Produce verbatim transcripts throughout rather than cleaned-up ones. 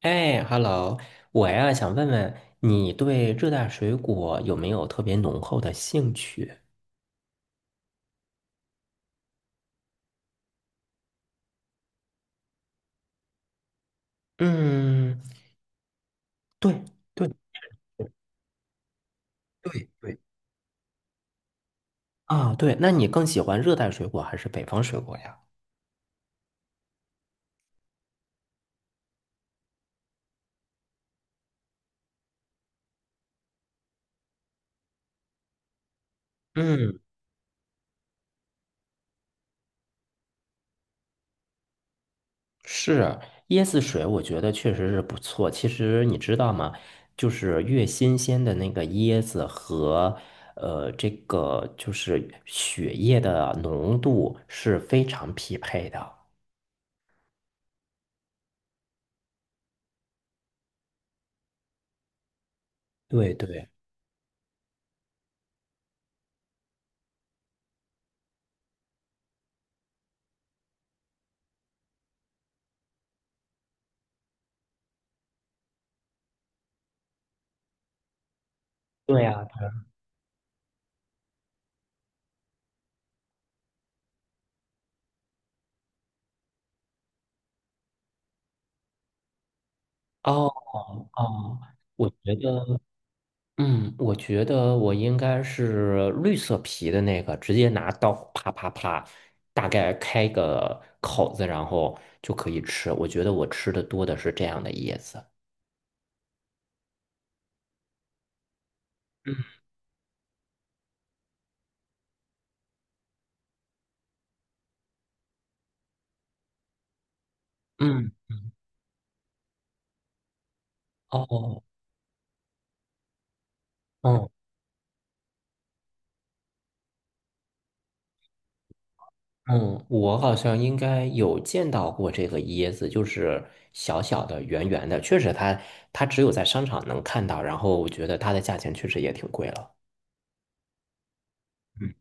哎，Hello，我呀想问问你对热带水果有没有特别浓厚的兴趣？嗯，对对对对对啊，对，那你更喜欢热带水果还是北方水果呀？嗯，是椰子水，我觉得确实是不错。其实你知道吗？就是越新鲜的那个椰子和呃这个就是血液的浓度是非常匹配的。对对。对呀，哦哦，我觉得，嗯，我觉得我应该是绿色皮的那个，直接拿刀啪啪啪，大概开个口子，然后就可以吃。我觉得我吃的多的是这样的椰子。嗯嗯，哦，嗯嗯，我好像应该有见到过这个椰子，就是小小的、圆圆的，确实它它只有在商场能看到，然后我觉得它的价钱确实也挺贵了。嗯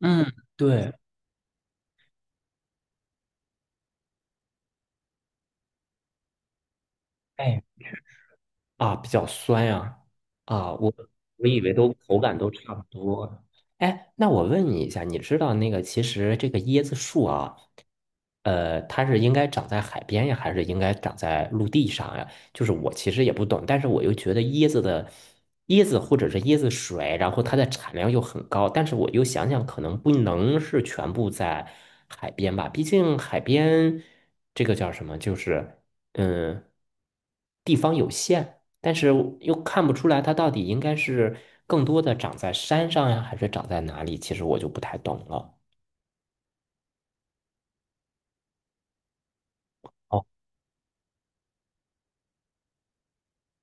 嗯，对，哎，啊，比较酸呀、啊，我我以为都口感都差不多。哎，那我问你一下，你知道那个其实这个椰子树啊，呃，它是应该长在海边呀，还是应该长在陆地上呀？就是我其实也不懂，但是我又觉得椰子的椰子或者是椰子水，然后它的产量又很高，但是我又想想，可能不能是全部在海边吧，毕竟海边这个叫什么，就是嗯。地。但是我又看不出来它到底应该是更多的长在山上呀，还是长在哪里？其实我就不太懂了。哦，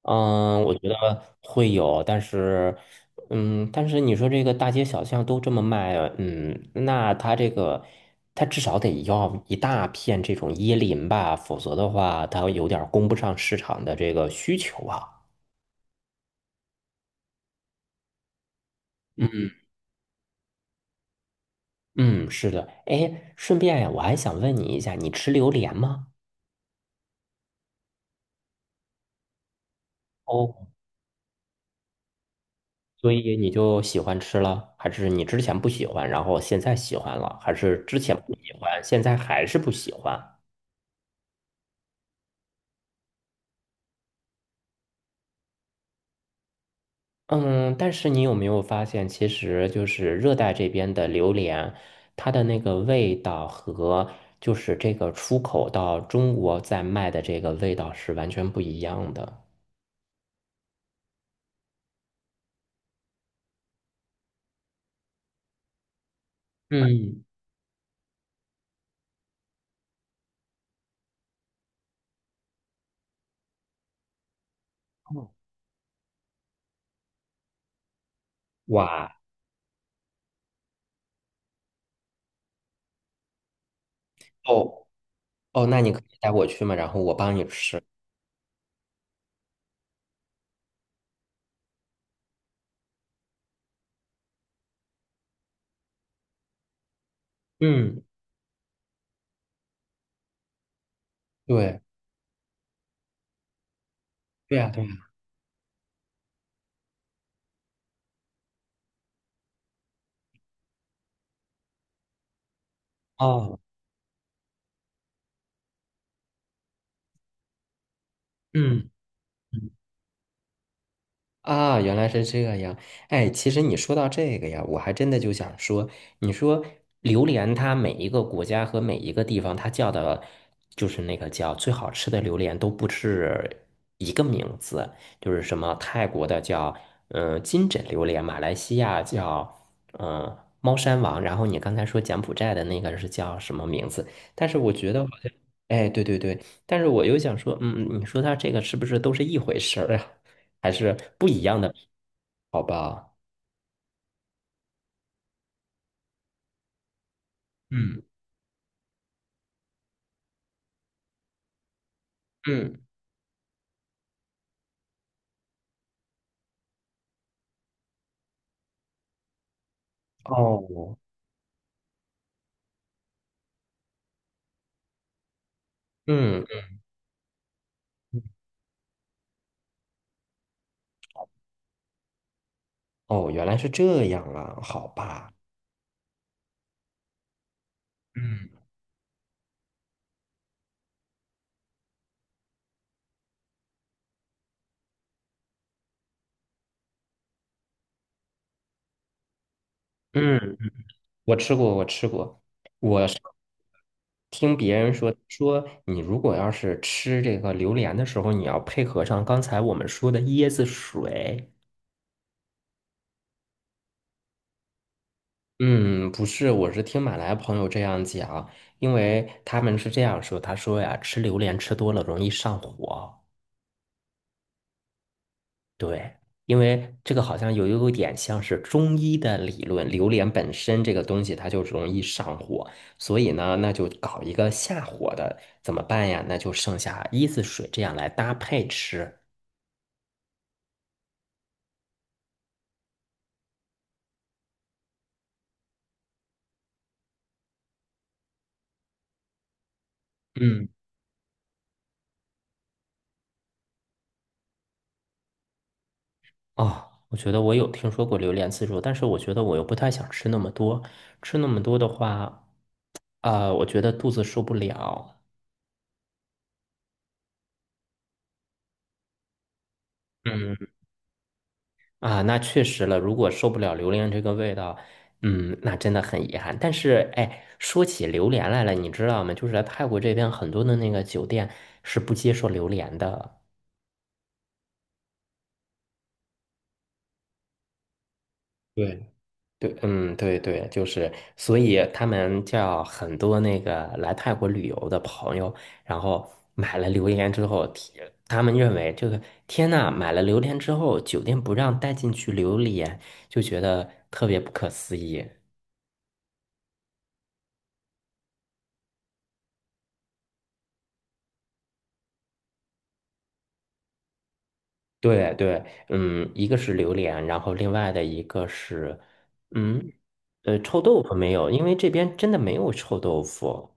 嗯，我觉得会有，但是，嗯，但是你说这个大街小巷都这么卖，嗯，那它这个，它至少得要一大片这种椰林吧，否则的话，它有点儿供不上市场的这个需求啊。嗯，是的。哎，顺便呀，我还想问你一下，你吃榴莲吗？哦。所以你就喜欢吃了，还是你之前不喜欢，然后现在喜欢了，还是之前不喜欢，现在还是不喜欢？嗯，但是你有没有发现，其实就是热带这边的榴莲，它的那个味道和就是这个出口到中国在卖的这个味道是完全不一样的。嗯，哦哇，哦哦，那你可以带我去吗？然后我帮你吃。嗯，对，对呀，对呀。哦，嗯。啊，原来是这样。哎，其实你说到这个呀，我还真的就想说，你说榴莲它每一个国家和每一个地方，它叫的，就是那个叫最好吃的榴莲都不是一个名字，就是什么泰国的叫嗯、呃金枕榴莲，马来西亚叫嗯、呃猫山王，然后你刚才说柬埔寨的那个是叫什么名字？但是我觉得好像哎，对对对，但是我又想说，嗯，你说它这个是不是都是一回事儿啊？还是不一样的，好吧？嗯嗯，哦，嗯，嗯哦，原来是这样啊，好吧。嗯嗯，我吃过，我吃过。我是听别人说，说你如果要是吃这个榴莲的时候，你要配合上刚才我们说的椰子水。嗯，不是，我是听马来朋友这样讲，因为他们是这样说，他说呀，吃榴莲吃多了容易上火。对，因为这个好像有有点像是中医的理论，榴莲本身这个东西它就容易上火，所以呢，那就搞一个下火的，怎么办呀？那就剩下椰子水这样来搭配吃。嗯，哦，我觉得我有听说过榴莲自助，但是我觉得我又不太想吃那么多，吃那么多的话，啊、我觉得肚子受不了。嗯。啊，那确实了。如果受不了榴莲这个味道，嗯，那真的很遗憾。但是，哎，说起榴莲来了，你知道吗？就是来泰国这边很多的那个酒店是不接受榴莲的。对，对，嗯，对对，就是，所以他们叫很多那个来泰国旅游的朋友，然后买了榴莲之后，天他们认为这个天呐，买了榴莲之后，酒店不让带进去榴莲，就觉得特别不可思议。对对，嗯，一个是榴莲，然后另外的一个是，嗯，呃，臭豆腐没有，因为这边真的没有臭豆腐。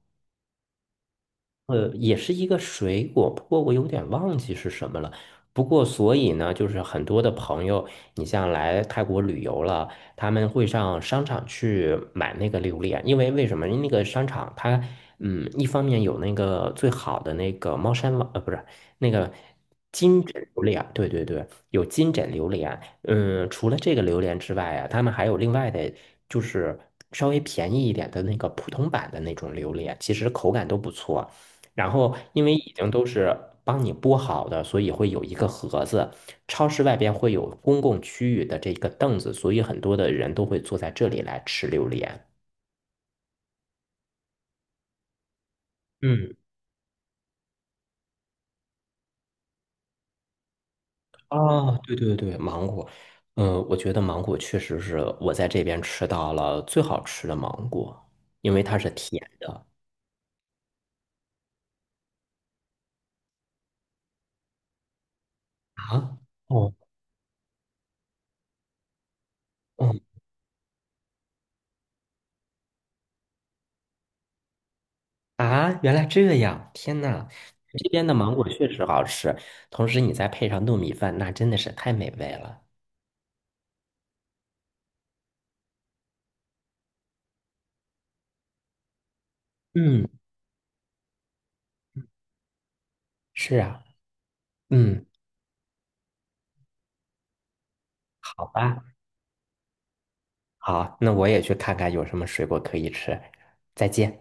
呃，也是一个水果，不过我有点忘记是什么了。不过，所以呢，就是很多的朋友，你像来泰国旅游了，他们会上商场去买那个榴莲，因为为什么？因为那个商场它，嗯，一方面有那个最好的那个猫山王，呃，不是那个金枕榴莲，对对对，有金枕榴莲。嗯，除了这个榴莲之外啊，他们还有另外的，就是稍微便宜一点的那个普通版的那种榴莲，其实口感都不错。然后因为已经都是帮你剥好的，所以会有一个盒子。超市外边会有公共区域的这个凳子，所以很多的人都会坐在这里来吃榴莲。嗯，哦，对对对，芒果，嗯，我觉得芒果确实是我在这边吃到了最好吃的芒果，因为它是甜的啊。哦，嗯啊，原来这样，天呐，这边的芒果确实好吃，同时你再配上糯米饭，那真的是太美味了。嗯。是啊，嗯，好吧，好，那我也去看看有什么水果可以吃。再见。